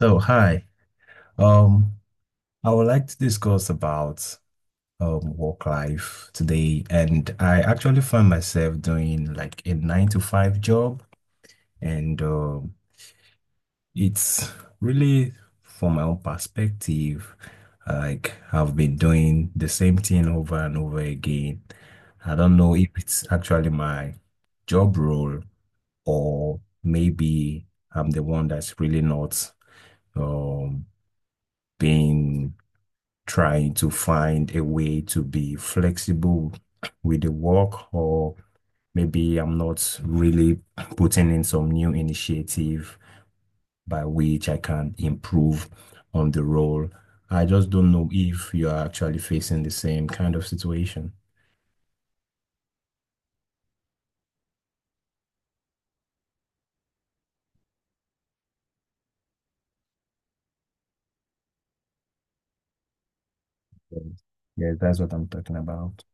So, hi. Um, I would like to discuss about work life today, and I actually find myself doing like a nine to five job, and it's really from my own perspective, like I've been doing the same thing over and over again. I don't know if it's actually my job role or maybe I'm the one that's really not um being trying to find a way to be flexible with the work, or maybe I'm not really putting in some new initiative by which I can improve on the role. I just don't know if you are actually facing the same kind of situation. Yeah, that's what I'm talking about.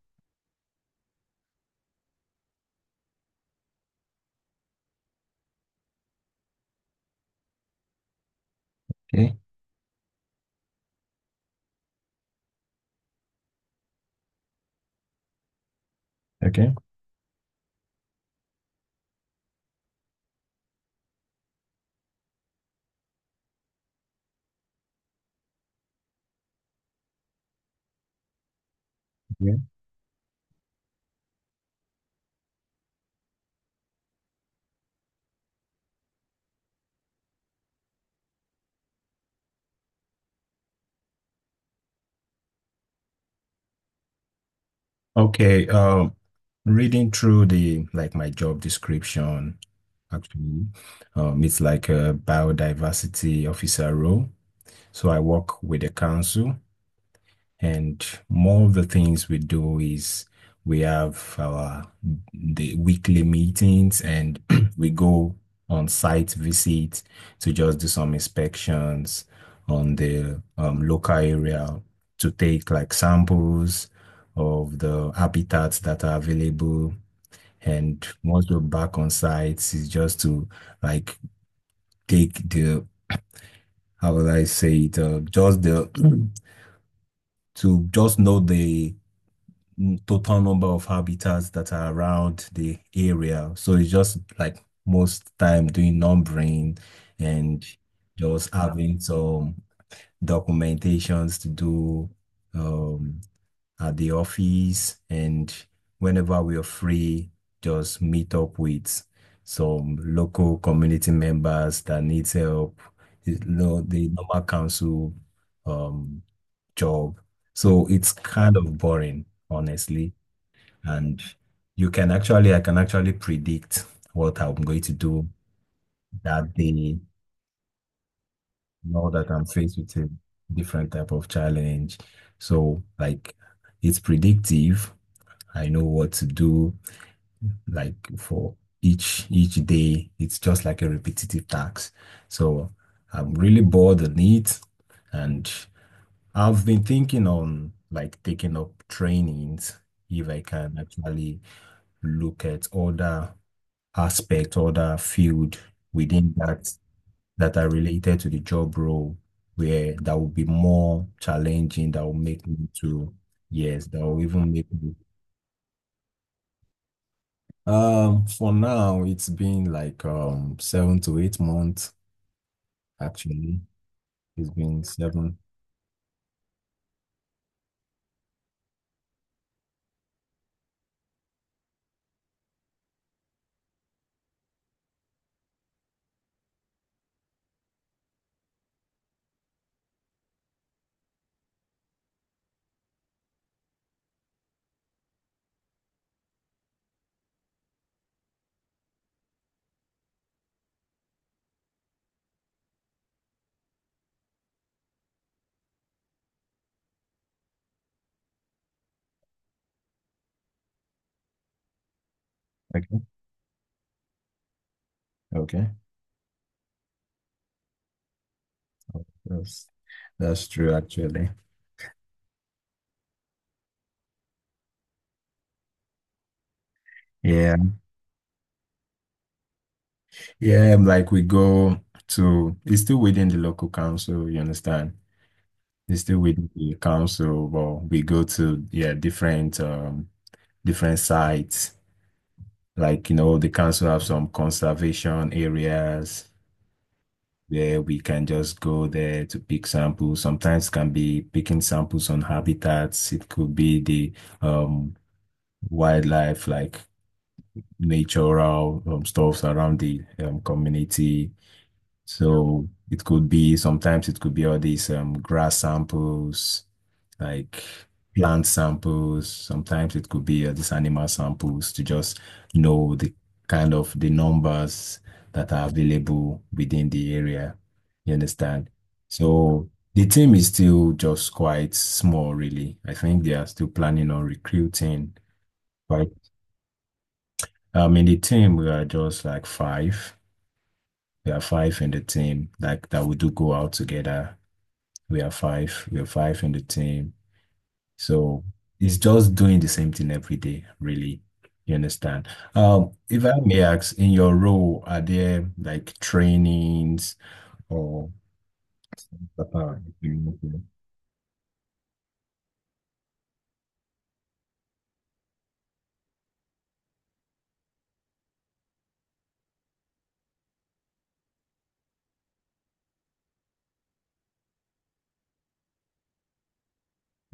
Okay. Okay. Yeah. Okay. Reading through the like my job description, actually. It's like a biodiversity officer role. So I work with the council, and more of the things we do is we have our the weekly meetings, and we go on site visits to just do some inspections on the local area to take like samples of the habitats that are available. And once we're back on site, it's just to like take the, how would I say it, just the, to just know the total number of habitats that are around the area. So it's just like most time doing numbering and just Yeah, having some documentations to do. Um, at the office and whenever we are free, just meet up with some local community members that needs help, you know, the normal council um, job. So it's kind of boring, honestly. And you can actually, I can actually predict what I'm going to do that day now that I'm faced with a different type of challenge. So like it's predictive. I know what to do. Like for each day it's just like a repetitive task, so I'm really bored on it. And I've been thinking on like taking up trainings if I can actually look at other aspect, other field within that are related to the job role where that will be more challenging, that will make me to yes that will even make me. For now, it's been like 7 to 8 months actually. It's been seven. Okay, okay. That's that's true actually. Yeah. Yeah, like we go to it's still within the local council, you understand? It's still within the council, but we go to yeah, different different sites. Like, you know, the council have some conservation areas where we can just go there to pick samples. Sometimes can be picking samples on habitats. It could be the um, wildlife, like natural stuffs around the community. So it could be sometimes it could be all these grass samples, like plant samples. Sometimes it could be these animal samples to just know the kind of the numbers that are available within the area. You understand? So the team is still just quite small, really. I think they are still planning on recruiting. But in the team, we are just like five. There are five in the team, like that we do go out together. We are five. We are five in the team. So it's just doing the same thing every day, really. You understand? If I may ask, in your role, are there like trainings or uh,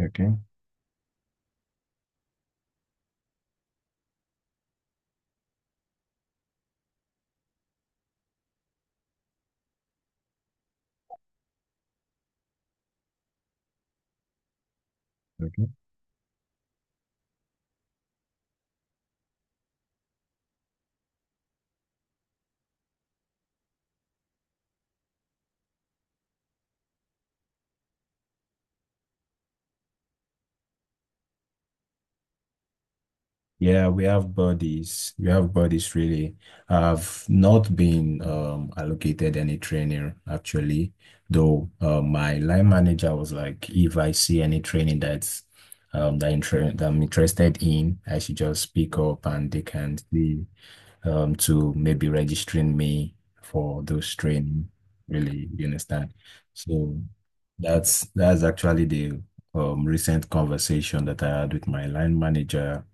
okay, okay. Yeah, we have bodies. We have bodies really. I've not been allocated any trainer actually, though my line manager was like, if I see any training that's that I'm interested in, I should just pick up and they can see to maybe registering me for those training, really, you understand? So that's actually the recent conversation that I had with my line manager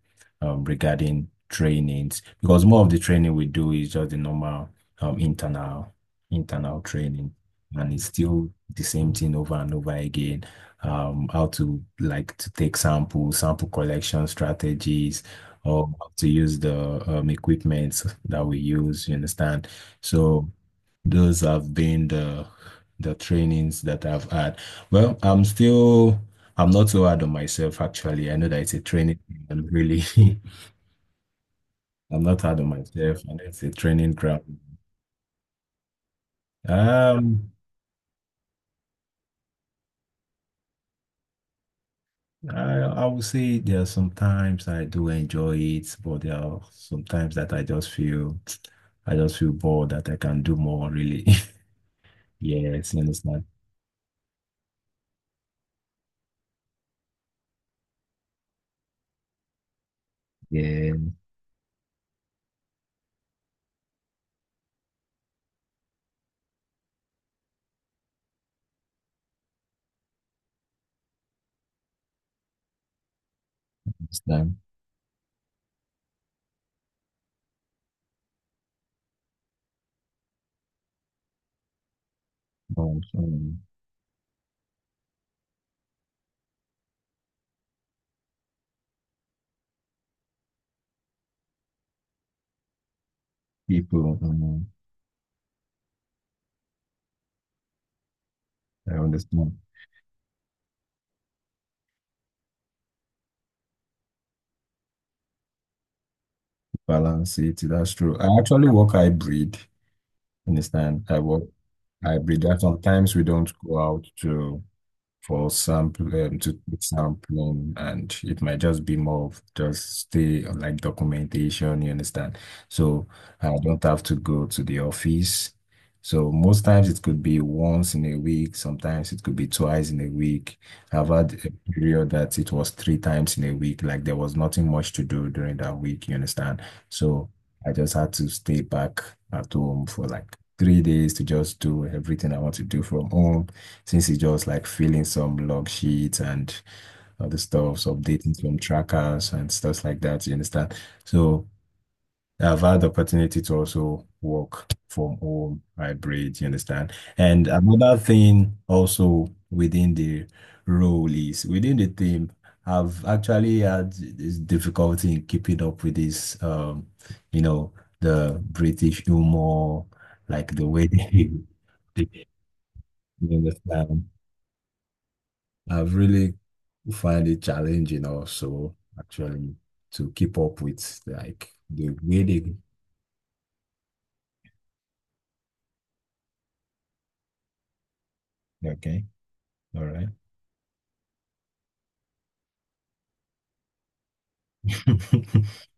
regarding trainings, because more of the training we do is just the normal um, internal internal training, and it's still the same thing over and over again. How to like to take samples, sample collection strategies or how to use the equipment that we use, you understand? So those have been the trainings that I've had. Well, I'm still I'm not so hard on myself actually. I know that it's a training ground, really. I'm not hard on myself. And it's a training ground. Um, I would say there are some times I do enjoy it, but there are some times that I just feel I just feel bored that I can do more really. Yes, you understand? Yeah. This time. But um, people, I understand balance it. That's true. I actually work hybrid. Understand? I work hybrid. That sometimes we don't go out to for sample to take sampling, and it might just be more of just stay on like documentation, you understand? So I don't have to go to the office. So most times it could be once in a week, sometimes it could be twice in a week. I've had a period that it was three times in a week, like there was nothing much to do during that week, you understand? So I just had to stay back at home for like 3 days to just do everything I want to do from home since it's just like filling some log sheets and other stuffs, updating some trackers and stuff like that. You understand? So I've had the opportunity to also work from home hybrid, you understand? And another thing also within the role is within the team, I've actually had this difficulty in keeping up with this you know, the British humor, like the way they, they you understand I've really find it challenging also actually to keep up with like the way they. Okay, all right.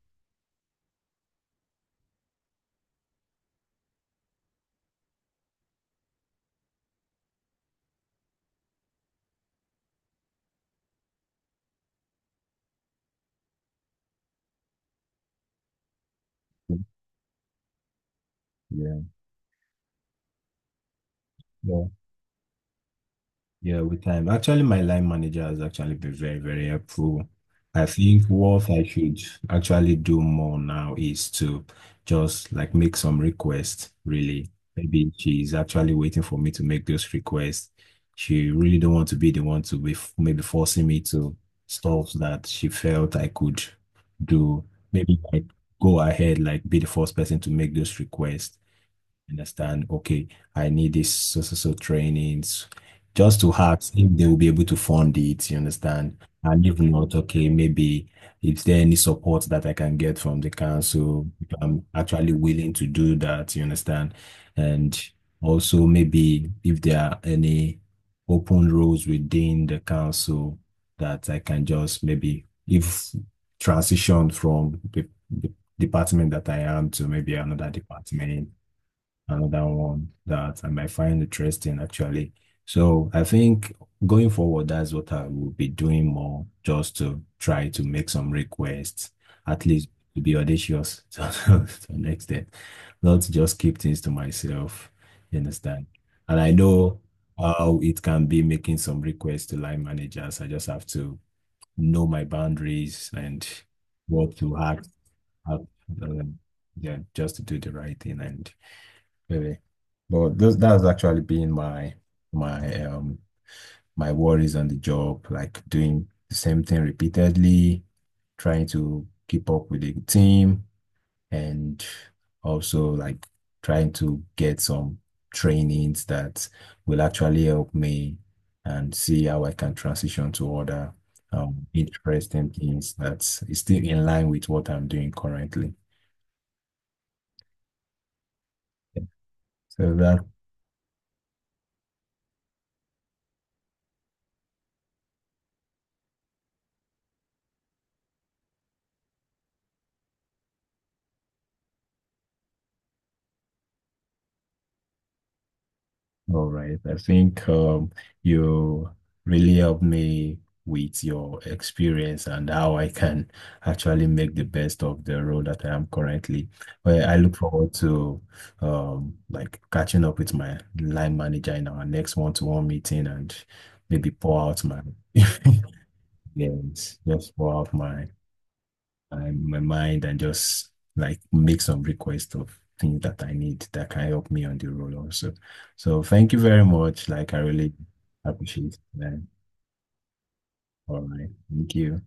Yeah. Yeah, with time. Actually, my line manager has actually been very, very helpful. I think what I should actually do more now is to just like make some requests, really. Maybe she's actually waiting for me to make those requests. She really don't want to be the one to be maybe forcing me to stuff that she felt I could do. Maybe like go ahead, like be the first person to make those requests. Understand? Okay, I need this so so so trainings just to ask if they will be able to fund it. You understand? And if not, okay, maybe if there any support that I can get from the council, if I'm actually willing to do that. You understand? And also maybe if there are any open roles within the council that I can just maybe if transition from the department that I am to maybe another department, another one that I might find interesting actually. So I think going forward, that's what I will be doing more, just to try to make some requests, at least to be audacious to an extent, not to just keep things to myself. You understand? And I know how it can be making some requests to line managers. I just have to know my boundaries and what to ask. ask, um, Yeah, just to do the right thing and really. But those that's actually been my my um my worries on the job, like doing the same thing repeatedly, trying to keep up with the team and also like trying to get some trainings that will actually help me and see how I can transition to other interesting things that is still in line with what I'm doing currently. So that. All right. I think you really helped me with your experience and how I can actually make the best of the role that I am currently. Well, I look forward to like catching up with my line manager in our next one-to-one meeting and maybe pour out my yes, just pour out my in my mind and just like make some request of things that I need that can help me on the road also. So thank you very much. Like I really appreciate that. All right. Thank you.